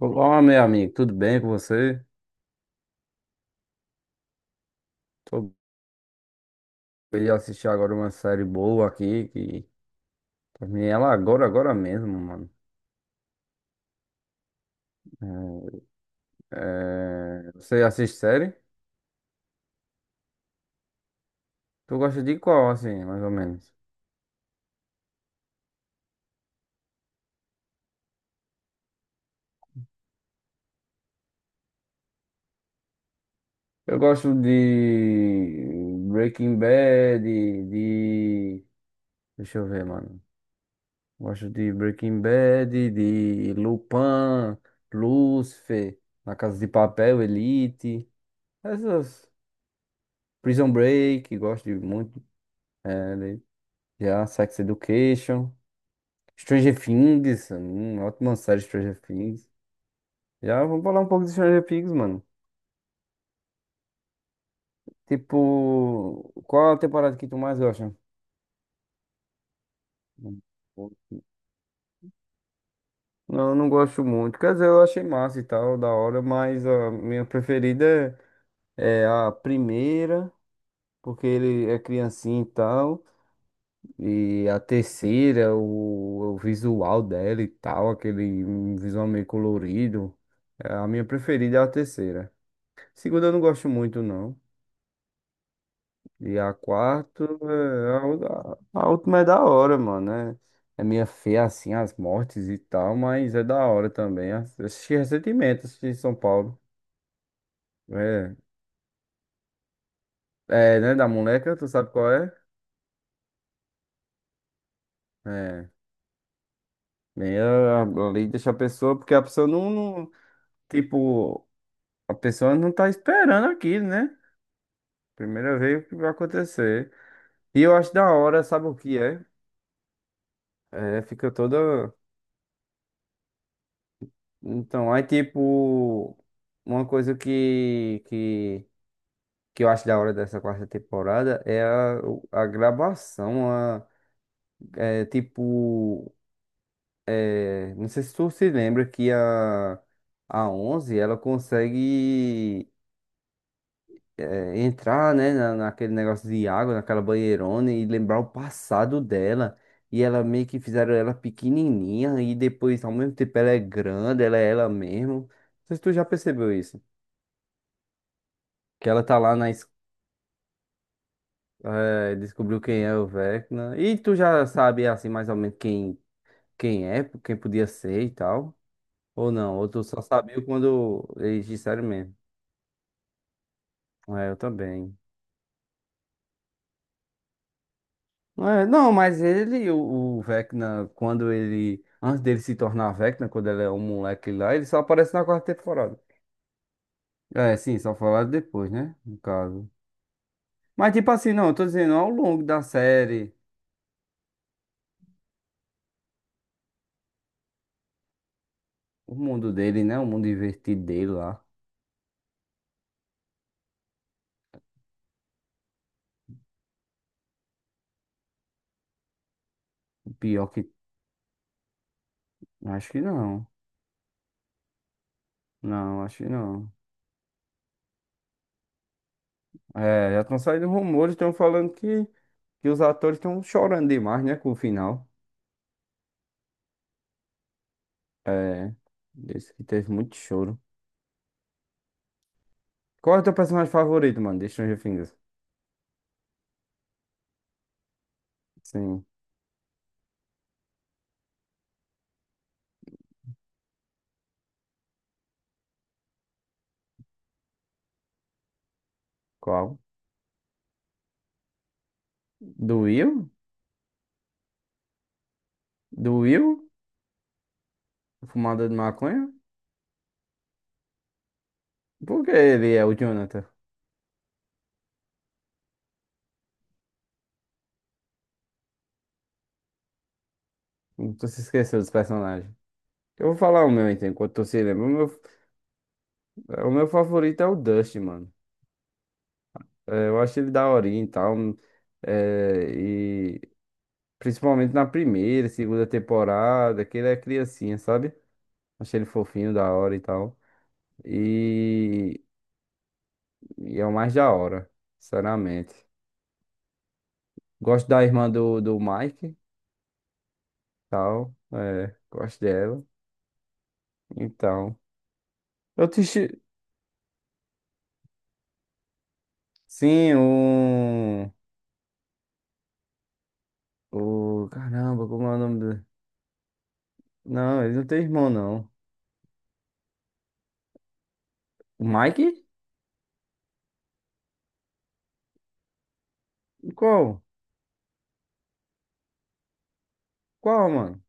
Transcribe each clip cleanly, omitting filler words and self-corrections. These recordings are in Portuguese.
Olá, meu amigo, tudo bem com você? Tô bem, eu assisti agora uma série boa aqui, que terminei ela agora, agora mesmo, mano. Você assiste série? Tu gosta de qual, assim, mais ou menos? Eu gosto de Breaking Bad, de... Deixa eu ver, mano. Gosto de Breaking Bad, de Lupin, Lucifer, Na Casa de Papel, Elite, essas... Prison Break, gosto de muito. Já, Sex Education. Stranger Things. Ótima série Stranger Things. Já, vamos falar um pouco de Stranger Things, mano. Tipo, qual a temporada que tu mais gosta? Não, eu não gosto muito. Quer dizer, eu achei massa e tal, da hora, mas a minha preferida é a primeira, porque ele é criancinha e tal. E a terceira, o visual dela e tal, aquele um visual meio colorido. É, a minha preferida é a terceira. Segunda eu não gosto muito, não. E a quarta, é, a última é da hora, mano. É, é minha fé assim, as mortes e tal, mas é da hora também. Assisti recentemente, assisti em São Paulo. É, é, né, da moleca, tu sabe qual é? É, meio ali deixa a pessoa, porque a pessoa não, tipo, a pessoa não tá esperando aquilo, né? Primeira vez que vai acontecer. E eu acho da hora, sabe o que é? É, fica toda. Então, aí tipo, uma coisa que eu acho da hora dessa quarta temporada é a gravação, a, é, tipo, é, não sei se tu se lembra que a 11 ela consegue, é, entrar, né, na, naquele negócio de água, naquela banheirona e lembrar o passado dela. E ela meio que fizeram ela pequenininha e depois, ao mesmo tempo, ela é grande, ela é ela mesmo. Não sei se tu já percebeu isso. Que ela tá lá na es- É, descobriu quem é o Vecna. E tu já sabe, assim, mais ou menos quem é, quem podia ser e tal? Ou não? Ou tu só sabia quando eles disseram mesmo? É, eu também. É, não, mas ele, o Vecna, quando ele. Antes dele se tornar Vecna, quando ele é um moleque lá, ele só aparece na quarta temporada. É, sim, só falaram depois, né? No caso. Mas, tipo assim, não, eu tô dizendo, ao longo da série, o mundo dele, né? O mundo invertido dele lá. Pior que. Acho que não. Não, acho que não. É, já estão saindo rumores, estão falando que os atores estão chorando demais, né, com o final. É, disse que teve muito choro. Qual é o teu personagem favorito, mano, de Stranger Things? Sim, qual? Do Will? Do Will? O Fumador de maconha? Por que ele é o Jonathan? Tu se esqueceu dos personagens. Eu vou falar o meu, então, enquanto tu se lembra. O meu favorito é o Dusty, mano. É, eu acho ele daorinha e tal. É, principalmente na primeira, segunda temporada, que ele é criancinha, sabe? Achei ele fofinho, da hora e tal. E, e é o mais da hora, sinceramente. Gosto da irmã do Mike, tal. É, gosto dela. Então. Eu te... chi- Sim, o. O. Caramba, como é o nome dele? Não, ele não tem irmão, não. O Mike? Qual? Qual, mano?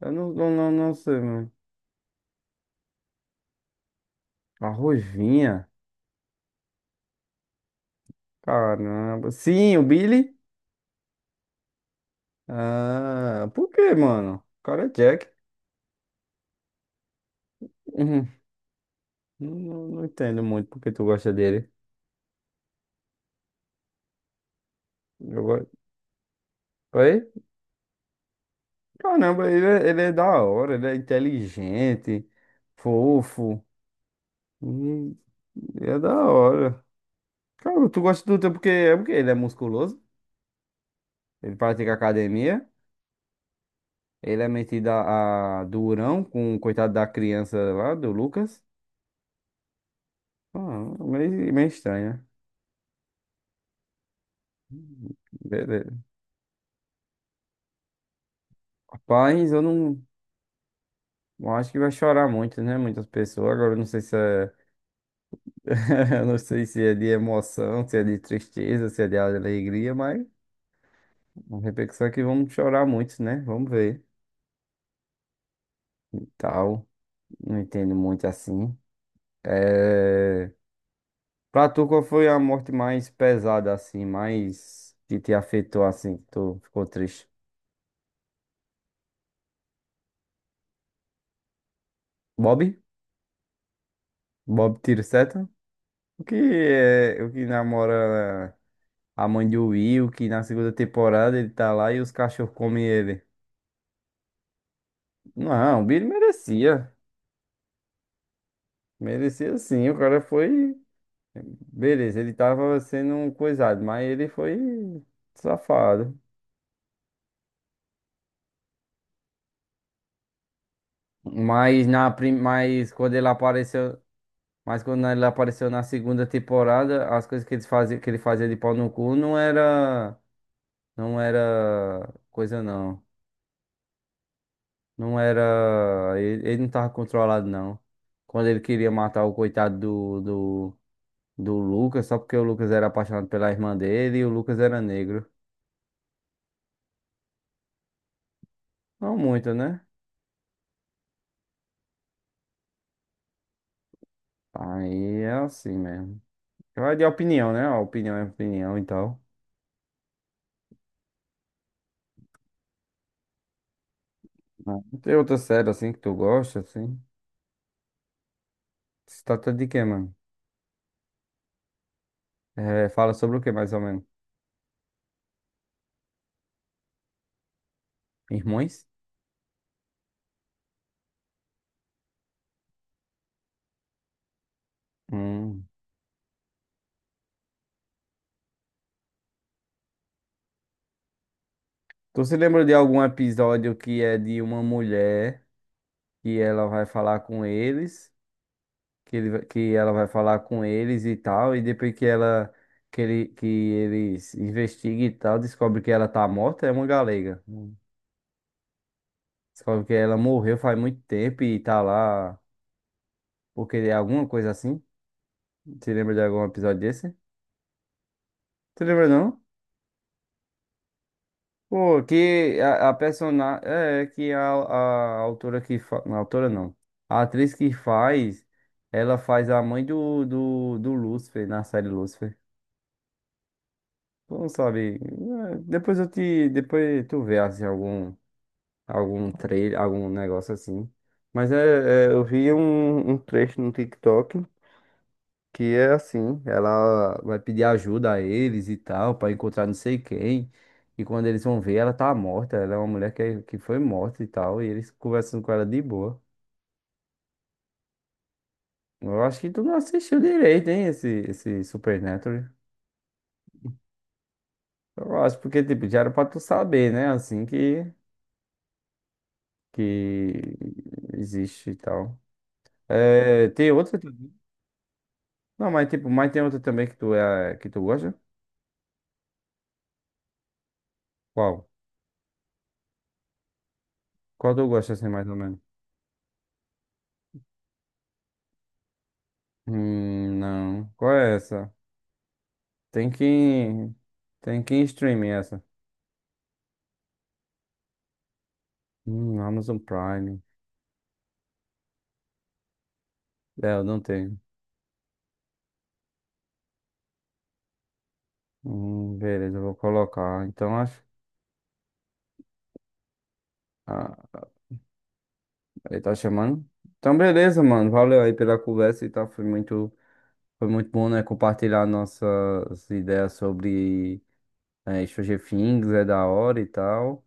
Eu não sei, mano. A Ruivinha. Caramba. Sim, o Billy. Ah, por que, mano? O cara é Jack. Uhum. Não entendo muito porque tu gosta dele. Eu gosto. Oi? Caramba, ele é da hora, ele é inteligente, fofo. Hum, É da hora. Cara, tu gosta do teu porque é porque ele é musculoso, ele pratica academia, ele é metido a durão com o coitado da criança lá, do Lucas. Ah, meio estranho, né? Beleza. Rapaz, eu não. Bom, acho que vai chorar muito, né? Muitas pessoas. Agora, eu não sei se é... eu não sei se é de emoção, se é de tristeza, se é de alegria, mas a repercussão é que vamos chorar muito, né? Vamos ver. E tal. Não entendo muito assim. É... Pra tu, qual foi a morte mais pesada, assim, mais que te afetou, assim, que tu ficou triste? Bob? Bob tiro seta? O que namora a mãe de Will, que na segunda temporada ele tá lá e os cachorros comem ele. Não, o Billy merecia. Merecia sim. O cara foi. Beleza, ele tava sendo um coisado, mas ele foi safado. Mas na prim... mas quando ele apareceu, Mas quando ele apareceu na segunda temporada, as coisas que ele fazia de pau no cu não era não era coisa não. Não era. Ele não tava controlado, não. Quando ele queria matar o coitado do Lucas, só porque o Lucas era apaixonado pela irmã dele e o Lucas era negro. Não muito, né? Aí é assim mesmo. Então, é de opinião, né? A opinião é opinião e tal. Não tem outra série assim que tu gosta, assim? Se trata de quê, mano? É, fala sobre o que, mais ou menos? Irmãos? Hum. Tu se lembra de algum episódio que é de uma mulher que ela vai falar com eles? Que ela vai falar com eles e tal, e depois que eles investiguem e tal, descobre que ela tá morta, é uma galega. Hum. Descobre que ela morreu faz muito tempo e tá lá porque é alguma coisa assim. Você lembra de algum episódio desse? Você lembra não? Pô, que a personagem é que a autora não. A atriz que faz, ela faz a mãe do Lúcifer na série Lúcifer. Não sabe. Depois eu te. Depois tu vê assim, algum, algum trailer, algum negócio assim. Mas é, é, eu vi um trecho no TikTok que é assim, ela vai pedir ajuda a eles e tal, pra encontrar não sei quem. E quando eles vão ver, ela tá morta. Ela é uma mulher que foi morta e tal. E eles conversando com ela de boa. Eu acho que tu não assistiu direito, hein, esse Supernatural. Eu acho porque, tipo, já era pra tu saber, né? Assim que. Que existe e tal. É, tem outra também? Não, mas tipo, mas tem outra também que tu gosta? Qual? Qual tu gosta assim mais ou menos? Não. Qual é essa? Tem que Tem que ir em streaming essa. Amazon Prime. É, eu não tenho. Beleza, eu vou colocar. Então acho. Ah, ele tá chamando. Então beleza, mano. Valeu aí pela conversa e tal. Foi muito bom, né, compartilhar nossas ideias sobre, é, Stranger Things é da hora e tal.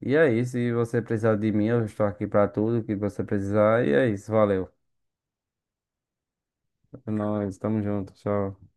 E é isso, se você precisar de mim, eu estou aqui pra tudo que você precisar. E é isso, valeu. Nós estamos juntos, tchau.